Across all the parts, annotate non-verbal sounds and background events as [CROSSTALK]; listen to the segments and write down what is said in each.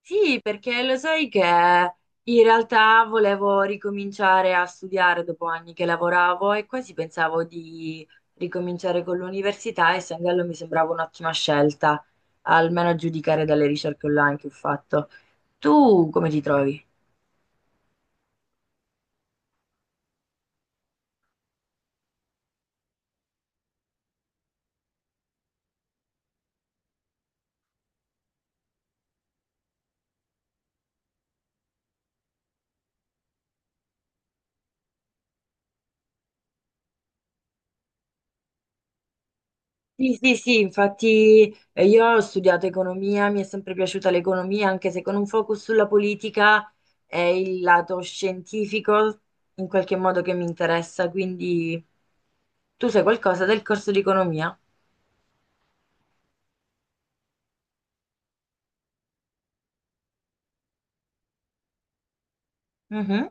Sì, perché lo sai che in realtà volevo ricominciare a studiare dopo anni che lavoravo e quasi pensavo di ricominciare con l'università e Sangallo mi sembrava un'ottima scelta, almeno a giudicare dalle ricerche online che ho fatto. Tu come ti trovi? Sì, sì, sì, infatti io ho studiato economia, mi è sempre piaciuta l'economia, anche se con un focus sulla politica è il lato scientifico in qualche modo che mi interessa, quindi tu sai qualcosa del corso di economia? Mhm,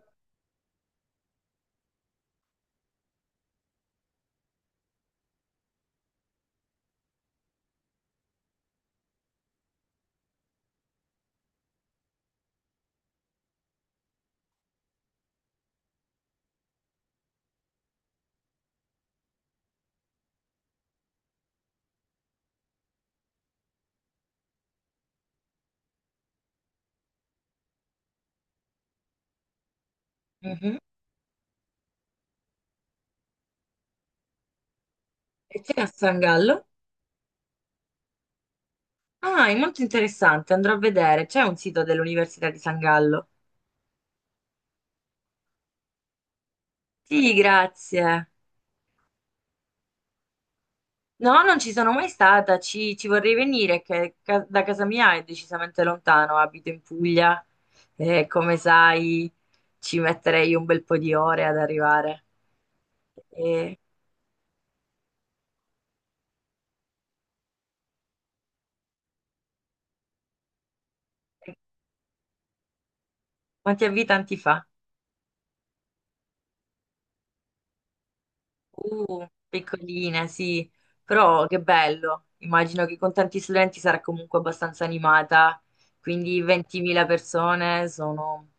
mhm. E c'è a San Gallo? Ah, è molto interessante, andrò a vedere, c'è un sito dell'Università di San Gallo. Sì, grazie. No, non ci sono mai stata, ci vorrei venire, da casa mia è decisamente lontano, abito in Puglia e come sai ci metterei un bel po' di ore ad arrivare. E- e quanti abitanti fa? Piccolina, sì, però che bello, immagino che con tanti studenti sarà comunque abbastanza animata, quindi 20.000 persone sono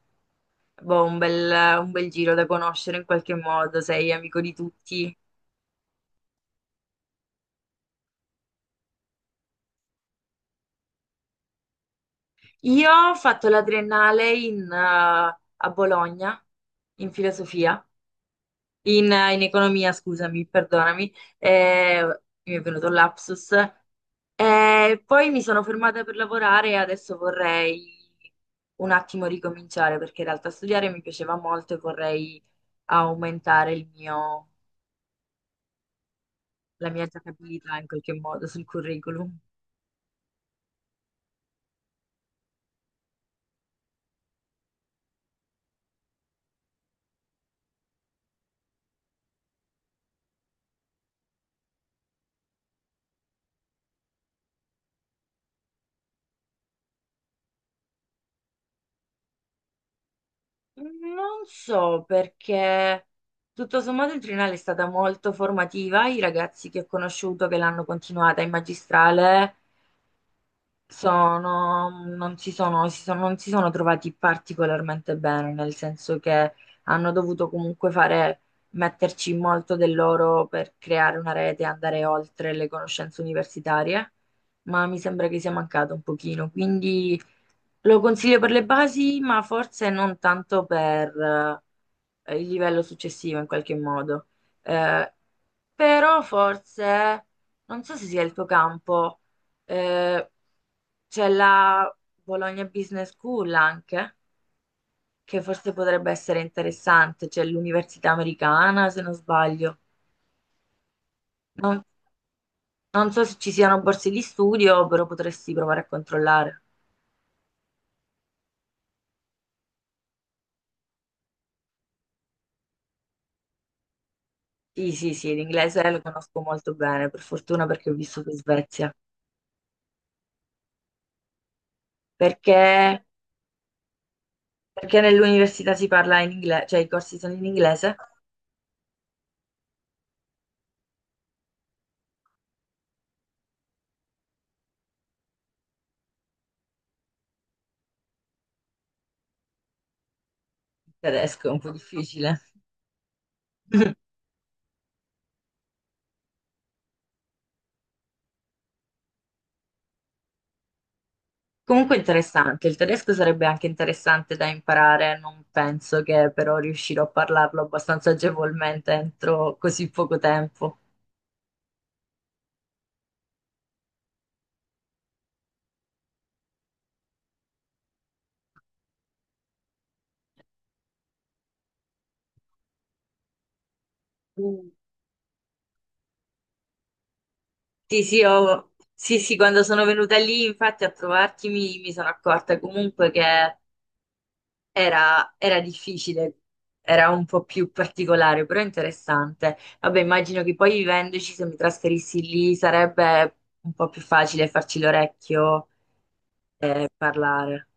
boh, un bel giro da conoscere in qualche modo, sei amico di tutti. Io ho fatto la triennale a Bologna, in filosofia, in economia, scusami, perdonami, mi è venuto un lapsus. Poi mi sono fermata per lavorare e adesso vorrei un attimo ricominciare perché in realtà studiare mi piaceva molto e vorrei aumentare la mia giocabilità in qualche modo sul curriculum. Non so perché tutto sommato il triennale è stata molto formativa, i ragazzi che ho conosciuto che l'hanno continuata in magistrale. Sono, non si sono, si sono- Non si sono trovati particolarmente bene, nel senso che hanno dovuto comunque fare, metterci molto del loro per creare una rete, andare oltre le conoscenze universitarie, ma mi sembra che sia mancato un pochino, quindi lo consiglio per le basi, ma forse non tanto per il livello successivo in qualche modo. Eh, però forse, non so se sia il tuo campo. Eh, c'è la Bologna Business School anche, che forse potrebbe essere interessante, c'è l'università americana, se non sbaglio. Non, non so se ci siano borse di studio, però potresti provare a controllare. Sì, sì, sì, l'inglese lo conosco molto bene, per fortuna perché ho vissuto in Svezia. Perché, perché nell'università si parla in inglese, cioè i corsi sono in inglese, il tedesco è un po' difficile. [LAUGHS] Comunque interessante, il tedesco sarebbe anche interessante da imparare, non penso che però riuscirò a parlarlo abbastanza agevolmente entro così poco tempo. Mm. Sì, sì, quando sono venuta lì, infatti, a trovarti mi sono accorta comunque che era difficile, era un po' più particolare, però interessante. Vabbè, immagino che poi vivendoci, se mi trasferissi lì, sarebbe un po' più facile farci l'orecchio e parlare.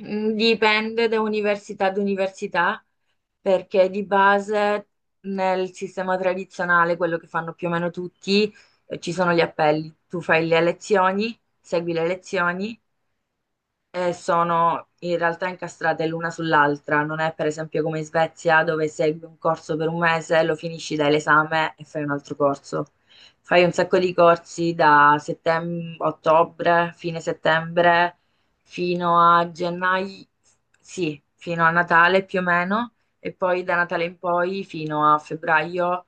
Mm, dipende da università ad università, perché di base nel sistema tradizionale, quello che fanno più o meno tutti, ci sono gli appelli. Tu fai le lezioni, segui le lezioni e sono in realtà incastrate l'una sull'altra. Non è per esempio come in Svezia dove segui un corso per un mese, lo finisci, dai l'esame e fai un altro corso. Fai un sacco di corsi ottobre, fine settembre, fino a gennaio, sì, fino a Natale più o meno, e poi da Natale in poi fino a febbraio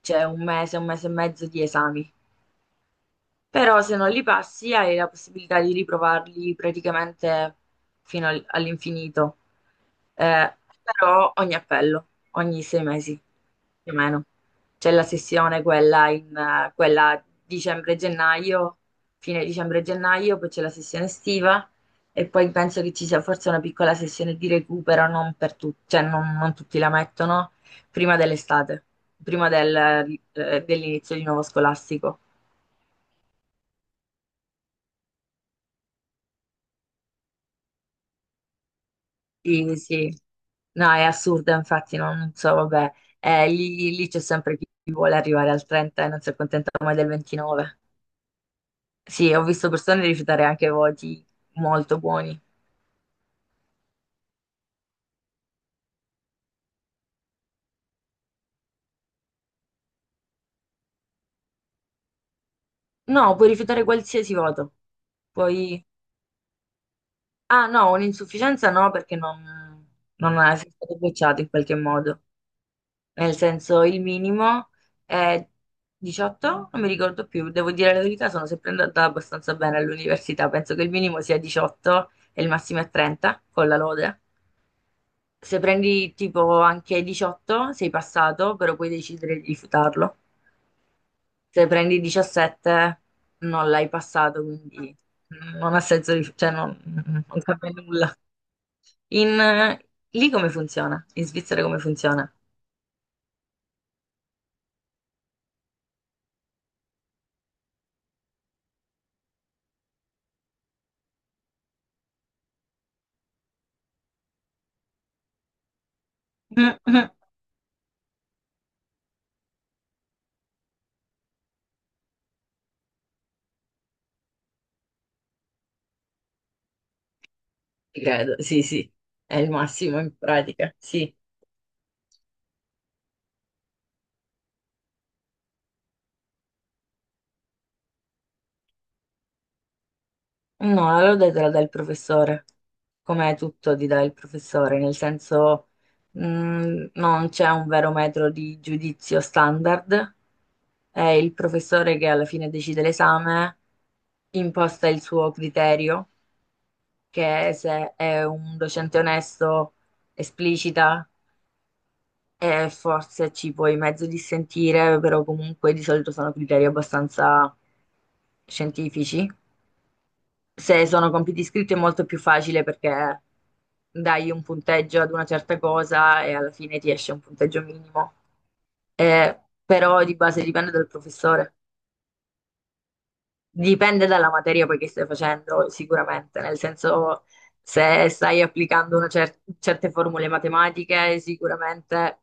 c'è un mese e mezzo di esami. Però se non li passi hai la possibilità di riprovarli praticamente all'infinito. Eh, però ogni appello, ogni sei mesi più o meno. C'è la sessione quella, quella dicembre-gennaio, fine dicembre-gennaio, poi c'è la sessione estiva e poi penso che ci sia forse una piccola sessione di recupero, non per tutti, non tutti la mettono, prima dell'estate, dell'inizio di nuovo scolastico. Sì, sì. No, è assurdo, infatti, no, non so, vabbè, eh, lì c'è sempre chi vuole arrivare al 30 e non si accontenta mai del 29. Sì, ho visto persone rifiutare anche voti molto buoni. No, puoi rifiutare qualsiasi voto. Poi... Ah, no, un'insufficienza no, perché non, non è sei stato bocciato in qualche modo. Nel senso il minimo è 18, non mi ricordo più, devo dire la verità, sono sempre andata abbastanza bene all'università, penso che il minimo sia 18 e il massimo è 30 con la lode. Se prendi tipo anche 18 sei passato, però puoi decidere di rifiutarlo. Se prendi 17 non l'hai passato, quindi non ha senso, non cambia nulla. In, Lì come funziona? In Svizzera come funziona? [LAUGHS] Credo, sì, sì, è il massimo in pratica, sì. No, allora te la dà il professore, come tutto ti dà il professore, nel senso mm, non c'è un vero metro di giudizio standard, è il professore che alla fine decide l'esame, imposta il suo criterio, che se è un docente onesto, esplicita. E forse ci puoi mezzo dissentire, però comunque di solito sono criteri abbastanza scientifici. Se sono compiti scritti è molto più facile perché dai un punteggio ad una certa cosa e alla fine ti esce un punteggio minimo. Però di base dipende dal professore, dipende dalla materia poi che stai facendo, sicuramente, nel senso se stai certe formule matematiche, sicuramente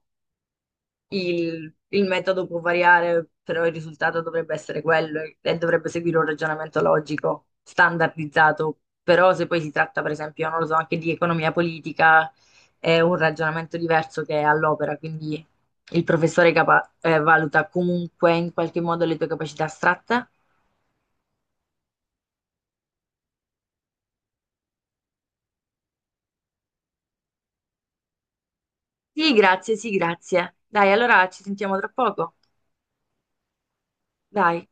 il metodo può variare, però il risultato dovrebbe essere quello e dovrebbe seguire un ragionamento logico, standardizzato. Però se poi si tratta, per esempio, non lo so, anche di economia politica, è un ragionamento diverso che è all'opera, quindi il valuta comunque in qualche modo le tue capacità astratte. Sì, grazie, sì, grazie. Dai, allora ci sentiamo tra poco. Dai.